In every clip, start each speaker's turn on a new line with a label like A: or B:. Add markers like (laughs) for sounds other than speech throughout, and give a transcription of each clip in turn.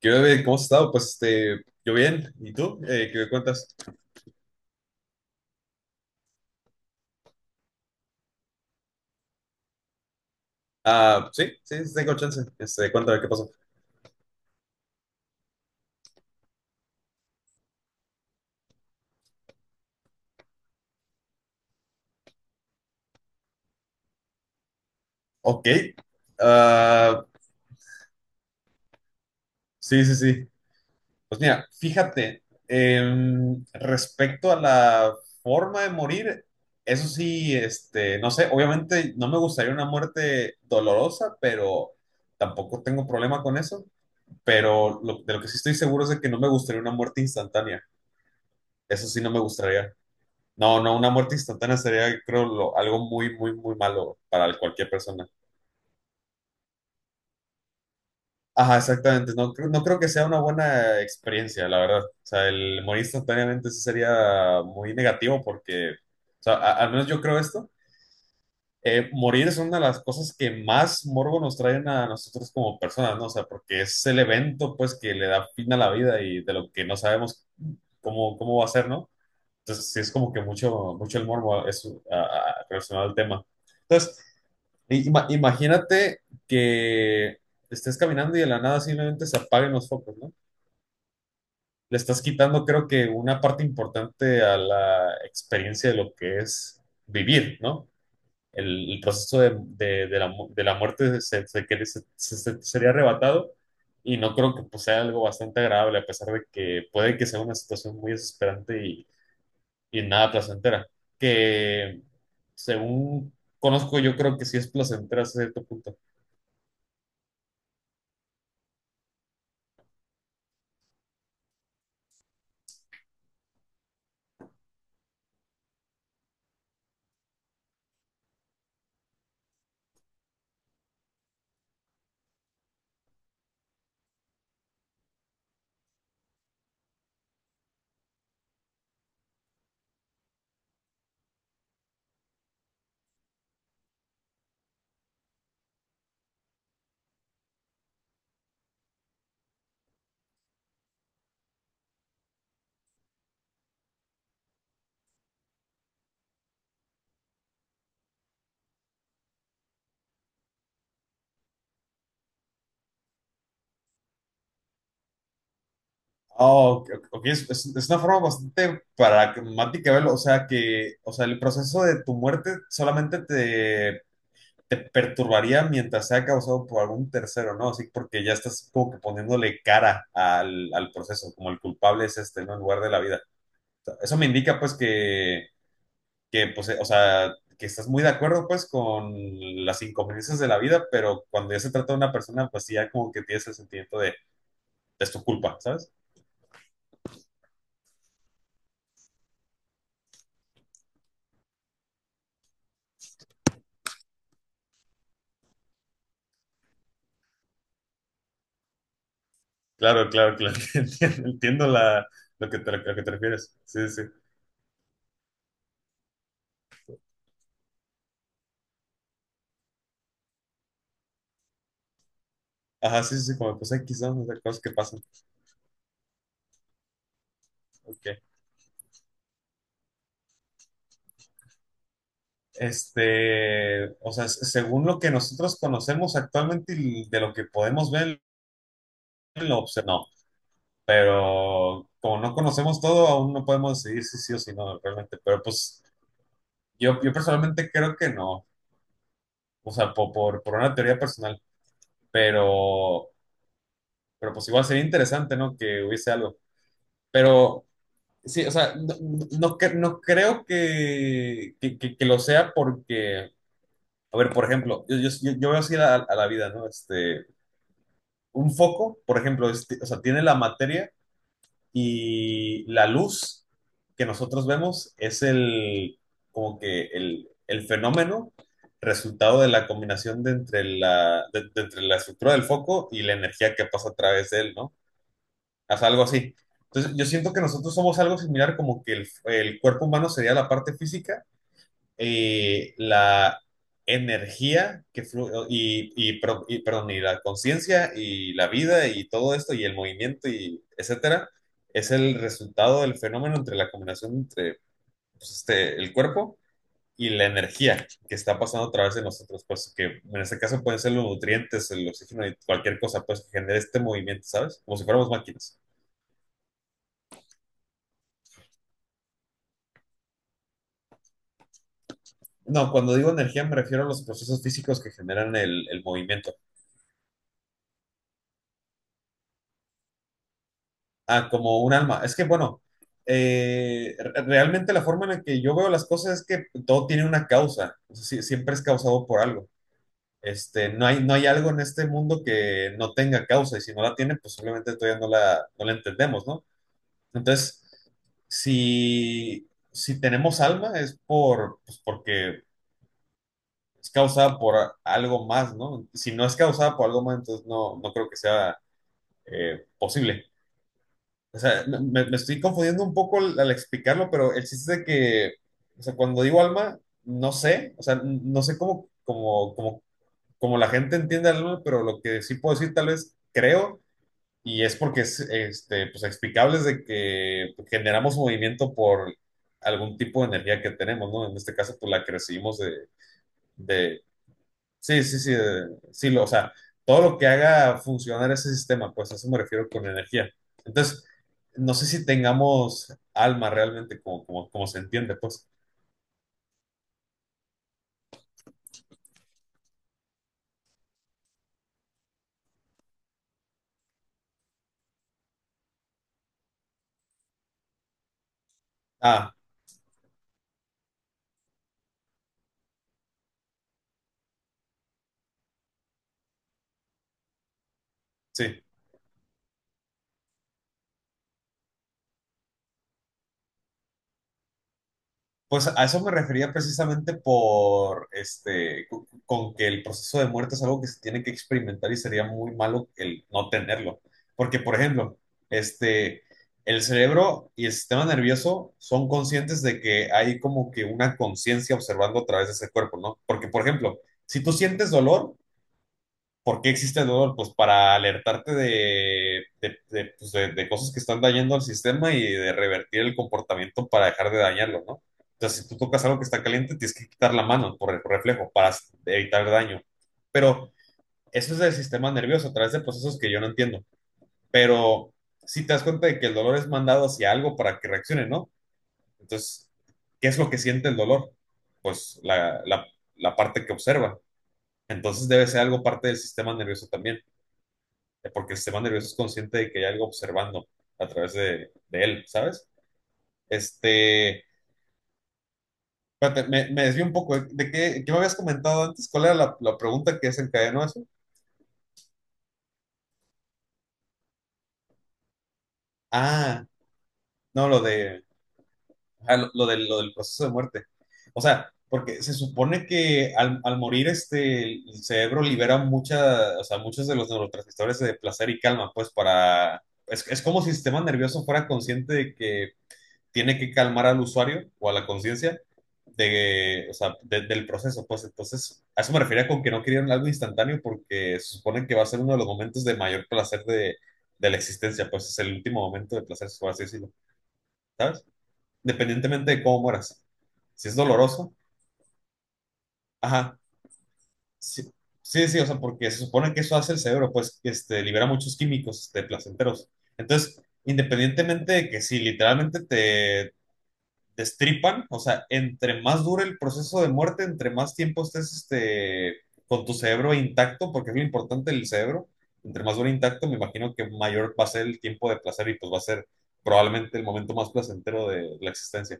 A: ¿Qué onda? ¿Cómo has estado? Pues, yo bien. ¿Y tú? ¿Qué cuentas? Ah, sí, sí, sí, tengo chance. Cuéntame qué pasó. Ok. Ah, sí, sí, sí. Pues mira, fíjate, respecto a la forma de morir, eso sí, no sé, obviamente no me gustaría una muerte dolorosa, pero tampoco tengo problema con eso. Pero de lo que sí estoy seguro es de que no me gustaría una muerte instantánea. Eso sí no me gustaría. No, no, una muerte instantánea sería, creo, algo muy, muy, muy malo para cualquier persona. Ajá, exactamente. No, no creo que sea una buena experiencia, la verdad. O sea, el morir instantáneamente sí sería muy negativo porque, o sea, al menos yo creo esto. Morir es una de las cosas que más morbo nos traen a nosotros como personas, ¿no? O sea, porque es el evento, pues, que le da fin a la vida y de lo que no sabemos cómo va a ser, ¿no? Entonces, sí es como que mucho, mucho el morbo es, relacionado al tema. Entonces, imagínate que estés caminando y de la nada simplemente se apaguen los focos, ¿no? Le estás quitando, creo que, una parte importante a la experiencia de lo que es vivir, ¿no? El proceso de la, de la muerte se, se- que se- se- se- sería arrebatado y no creo que, pues, sea algo bastante agradable, a pesar de que puede que sea una situación muy desesperante y nada placentera. Que según conozco, yo creo que sí es placentera a cierto punto. Oh, ok, ok, ok. Es una forma bastante pragmática de verlo. O sea, el proceso de tu muerte solamente te, te perturbaría mientras sea causado por algún tercero, ¿no? Así porque ya estás como que poniéndole cara al, al proceso, como el culpable es este, ¿no? En lugar de la vida. O sea, eso me indica, pues, que pues, o sea, que estás muy de acuerdo, pues, con las inconveniencias de la vida, pero cuando ya se trata de una persona, pues sí, ya como que tienes el sentimiento de, es tu culpa, ¿sabes? Claro, claro, claro. (laughs) Entiendo, entiendo la, lo que te refieres. Sí, sí, sí. Ajá, sí, sí, sí, como pues X, ¿no? O sea, cosas que pasan. Ok. O sea, según lo que nosotros conocemos actualmente y de lo que podemos ver, no. Pero como no conocemos todo, aún no podemos decidir si sí o si no, realmente. Pero pues yo personalmente creo que no. O sea, por una teoría personal. Pero, pero pues igual sería interesante, ¿no? Que hubiese algo. Pero sí, o sea, no creo que, que lo sea porque, a ver, por ejemplo, yo veo así a la vida, ¿no? Un foco, por ejemplo, o sea, tiene la materia y la luz que nosotros vemos es como que el fenómeno resultado de la combinación de entre la, de entre la estructura del foco y la energía que pasa a través de él, ¿no? Haz algo así. Entonces, yo siento que nosotros somos algo similar, como que el cuerpo humano sería la parte física, la energía que fluye y, perdón, y la conciencia y la vida y todo esto y el movimiento y etcétera, es el resultado del fenómeno entre la combinación entre, pues, el cuerpo y la energía que está pasando a través de nosotros, pues que en este caso pueden ser los nutrientes, el oxígeno y cualquier cosa, pues, que genere este movimiento, ¿sabes? Como si fuéramos máquinas. No, cuando digo energía me refiero a los procesos físicos que generan el movimiento. Ah, como un alma. Es que, bueno, realmente la forma en la que yo veo las cosas es que todo tiene una causa. O sea, siempre es causado por algo. No hay algo en este mundo que no tenga causa y si no la tiene, pues simplemente todavía no la entendemos, ¿no? Entonces, si tenemos alma es por, pues porque es causada por algo más, ¿no? Si no es causada por algo más, entonces no, no creo que sea posible. O sea, me estoy confundiendo un poco al explicarlo, pero el chiste es de que, o sea, cuando digo alma, no sé, o sea, no sé cómo la gente entiende el alma, pero lo que sí puedo decir tal vez creo, y es porque es pues, explicable, es de que generamos movimiento por algún tipo de energía que tenemos, ¿no? En este caso, pues la que recibimos de, de... Sí, sí, sí, o sea, todo lo que haga funcionar ese sistema, pues a eso me refiero con energía. Entonces, no sé si tengamos alma realmente como, como se entiende, pues. Ah, sí. Pues a eso me refería precisamente por con que el proceso de muerte es algo que se tiene que experimentar y sería muy malo el no tenerlo. Porque, por ejemplo, este, el cerebro y el sistema nervioso son conscientes de que hay como que una conciencia observando a través de ese cuerpo, ¿no? Porque, por ejemplo, si tú sientes dolor, ¿por qué existe el dolor? Pues para alertarte pues, de cosas que están dañando al sistema y de revertir el comportamiento para dejar de dañarlo, ¿no? Entonces, si tú tocas algo que está caliente, tienes que quitar la mano por el reflejo para evitar daño. Pero eso es del sistema nervioso, a través de procesos que yo no entiendo. Pero si te das cuenta de que el dolor es mandado hacia algo para que reaccione, ¿no? Entonces, ¿qué es lo que siente el dolor? Pues la parte que observa. Entonces debe ser algo parte del sistema nervioso también, porque el sistema nervioso es consciente de que hay algo observando a través de él, ¿sabes? Este, Espérate, me desvío un poco. De qué, qué me habías comentado antes? ¿Cuál era la pregunta que desencadenó eso? Ah, no, lo de, ah, lo del proceso de muerte. O sea, porque se supone que al morir, el cerebro libera mucha, o sea, muchos de los neurotransmisores de placer y calma, pues para... es- como si el sistema nervioso fuera consciente de que tiene que calmar al usuario o a la conciencia de, o sea, del proceso. Pues entonces, a eso me refería con que no querían algo instantáneo porque se supone que va a ser uno de los momentos de mayor placer de la existencia. Pues es el último momento de placer, por así decirlo, ¿sabes? Independientemente de cómo mueras. Si es doloroso, ajá. Sí, sí, sí, o sea, porque se supone que eso hace el cerebro, pues, libera muchos químicos, placenteros. Entonces, independientemente de que si literalmente te destripan, o sea, entre más dure el proceso de muerte, entre más tiempo estés, con tu cerebro intacto, porque es lo importante del cerebro, entre más dure intacto, me imagino que mayor va a ser el tiempo de placer y pues va a ser probablemente el momento más placentero de la existencia.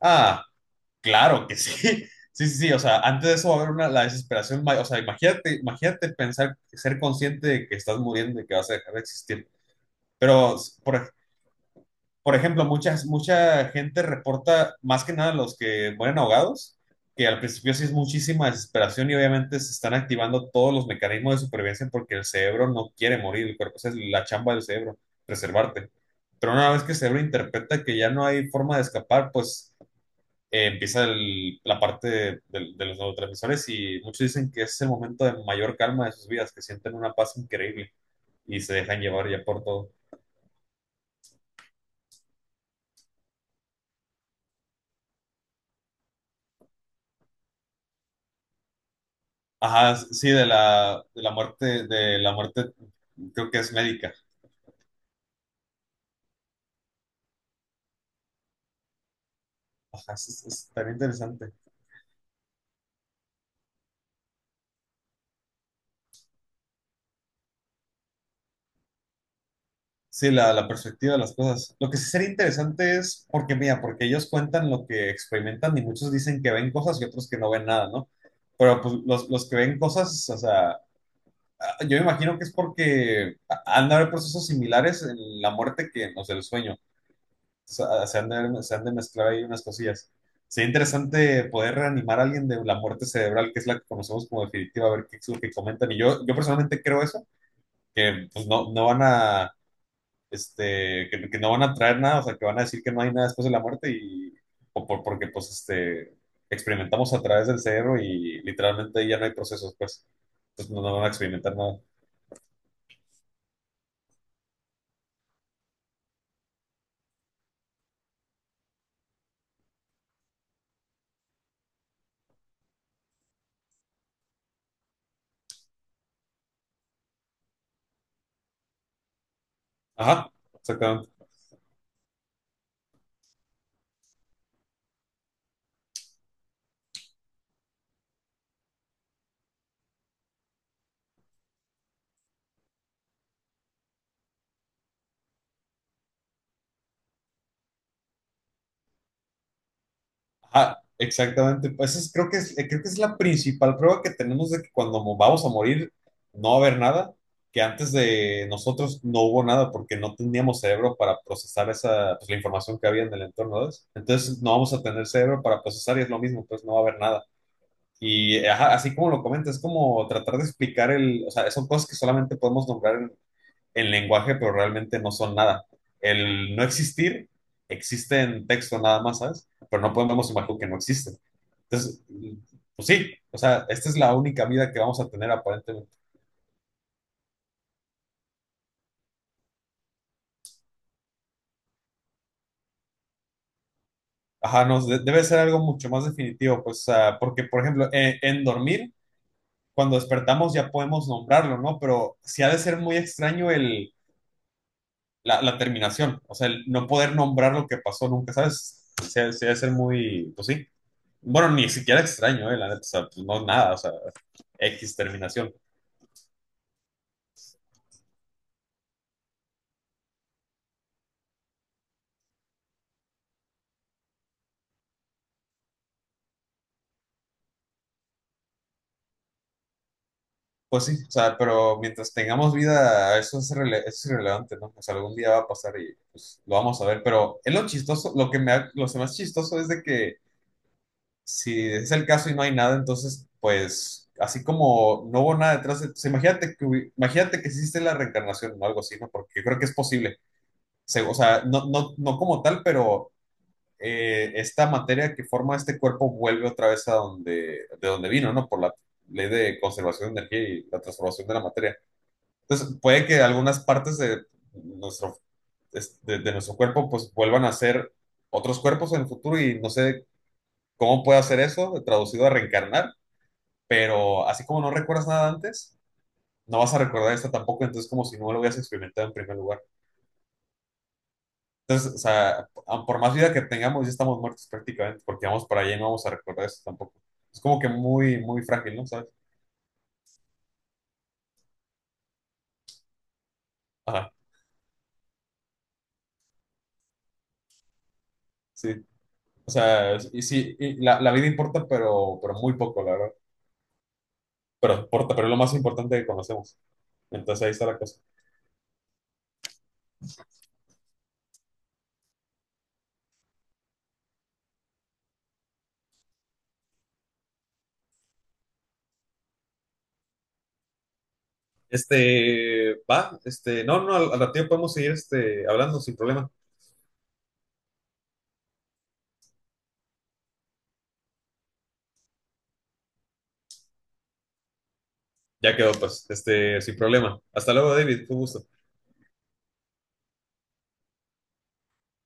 A: Ah, claro que sí. (laughs) Sí, sí, sí, o sea, antes de eso va a haber una, la desesperación, o sea, imagínate, imagínate pensar, ser consciente de que estás muriendo y que vas a dejar de existir. Pero, por, por ejemplo, mucha gente reporta, más que nada los que mueren ahogados, que al principio sí es muchísima desesperación y obviamente se están activando todos los mecanismos de supervivencia porque el cerebro no quiere morir, el cuerpo, esa es la chamba del cerebro, preservarte. Pero una vez que el cerebro interpreta que ya no hay forma de escapar, pues empieza la parte de, de los neurotransmisores y muchos dicen que es el momento de mayor calma de sus vidas, que sienten una paz increíble y se dejan llevar ya por todo. Ajá, sí, de la muerte, creo que es médica. Ajá, es tan interesante. Sí, la perspectiva de las cosas. Lo que sí sería interesante es, porque mira, porque ellos cuentan lo que experimentan y muchos dicen que ven cosas y otros que no ven nada, ¿no? Pero pues los que ven cosas, o sea, yo me imagino que es porque han de haber procesos similares en la muerte que en los del sueño. Se han de mezclar ahí unas cosillas. Sería interesante poder reanimar a alguien de la muerte cerebral, que es la que conocemos como definitiva, a ver qué es lo que comentan. Y yo personalmente creo eso, que pues no van a, que no van a traer nada, o sea, que van a decir que no hay nada después de la muerte y o porque pues experimentamos a través del cerebro y literalmente ya no hay procesos, pues. Entonces no van a experimentar nada. Ajá, exactamente. Ajá, exactamente. Pues creo que es la principal prueba que tenemos de que cuando vamos a morir no va a haber nada, que antes de nosotros no hubo nada porque no teníamos cerebro para procesar esa, pues, la información que había en el entorno, ¿ves? Entonces no vamos a tener cerebro para procesar y es lo mismo, pues no va a haber nada. Y ajá, así como lo comentas, es como tratar de explicar el, o sea, son cosas que solamente podemos nombrar en lenguaje, pero realmente no son nada. El no existir existe en texto nada más, ¿sabes? Pero no podemos imaginar que no existe. Entonces, pues sí, o sea, esta es la única vida que vamos a tener aparentemente. Ajá, no, debe ser algo mucho más definitivo, pues, o sea, porque, por ejemplo, en dormir, cuando despertamos ya podemos nombrarlo, ¿no? Pero sí ha de ser muy extraño el, la terminación, o sea, el no poder nombrar lo que pasó nunca, ¿sabes? Sí, ha sí ha de ser muy, pues sí. Bueno, ni siquiera extraño, la neta, o sea, pues no nada, o sea, X terminación. Pues sí, o sea, pero mientras tengamos vida, eso es, eso es irrelevante, ¿no? O sea, algún día va a pasar y pues lo vamos a ver, pero es lo chistoso, lo más chistoso es de que si es el caso y no hay nada, entonces, pues, así como no hubo nada o sea, imagínate que existe la reencarnación o algo así, ¿no? Porque yo creo que es posible. O sea, no como tal, pero esta materia que forma este cuerpo vuelve otra vez a donde, de donde vino, ¿no? Por la ley de conservación de energía y la transformación de la materia. Entonces, puede que algunas partes de nuestro, de nuestro cuerpo pues vuelvan a ser otros cuerpos en el futuro y no sé cómo puede hacer eso, traducido a reencarnar, pero así como no recuerdas nada antes, no vas a recordar esto tampoco, entonces como si no lo hubieras experimentado en primer lugar. Entonces, o sea, por más vida que tengamos, ya estamos muertos prácticamente, porque vamos para allá y no vamos a recordar eso tampoco. Es como que muy, muy frágil, ¿no? ¿Sabes? Ajá, sí. O sea, y sí, y la vida importa, pero muy poco, la verdad. Pero importa, pero es lo más importante que conocemos. Entonces ahí está la cosa. Va, no, no, al ratillo podemos seguir hablando sin problema. Ya quedó, pues, sin problema. Hasta luego, David, fue un gusto.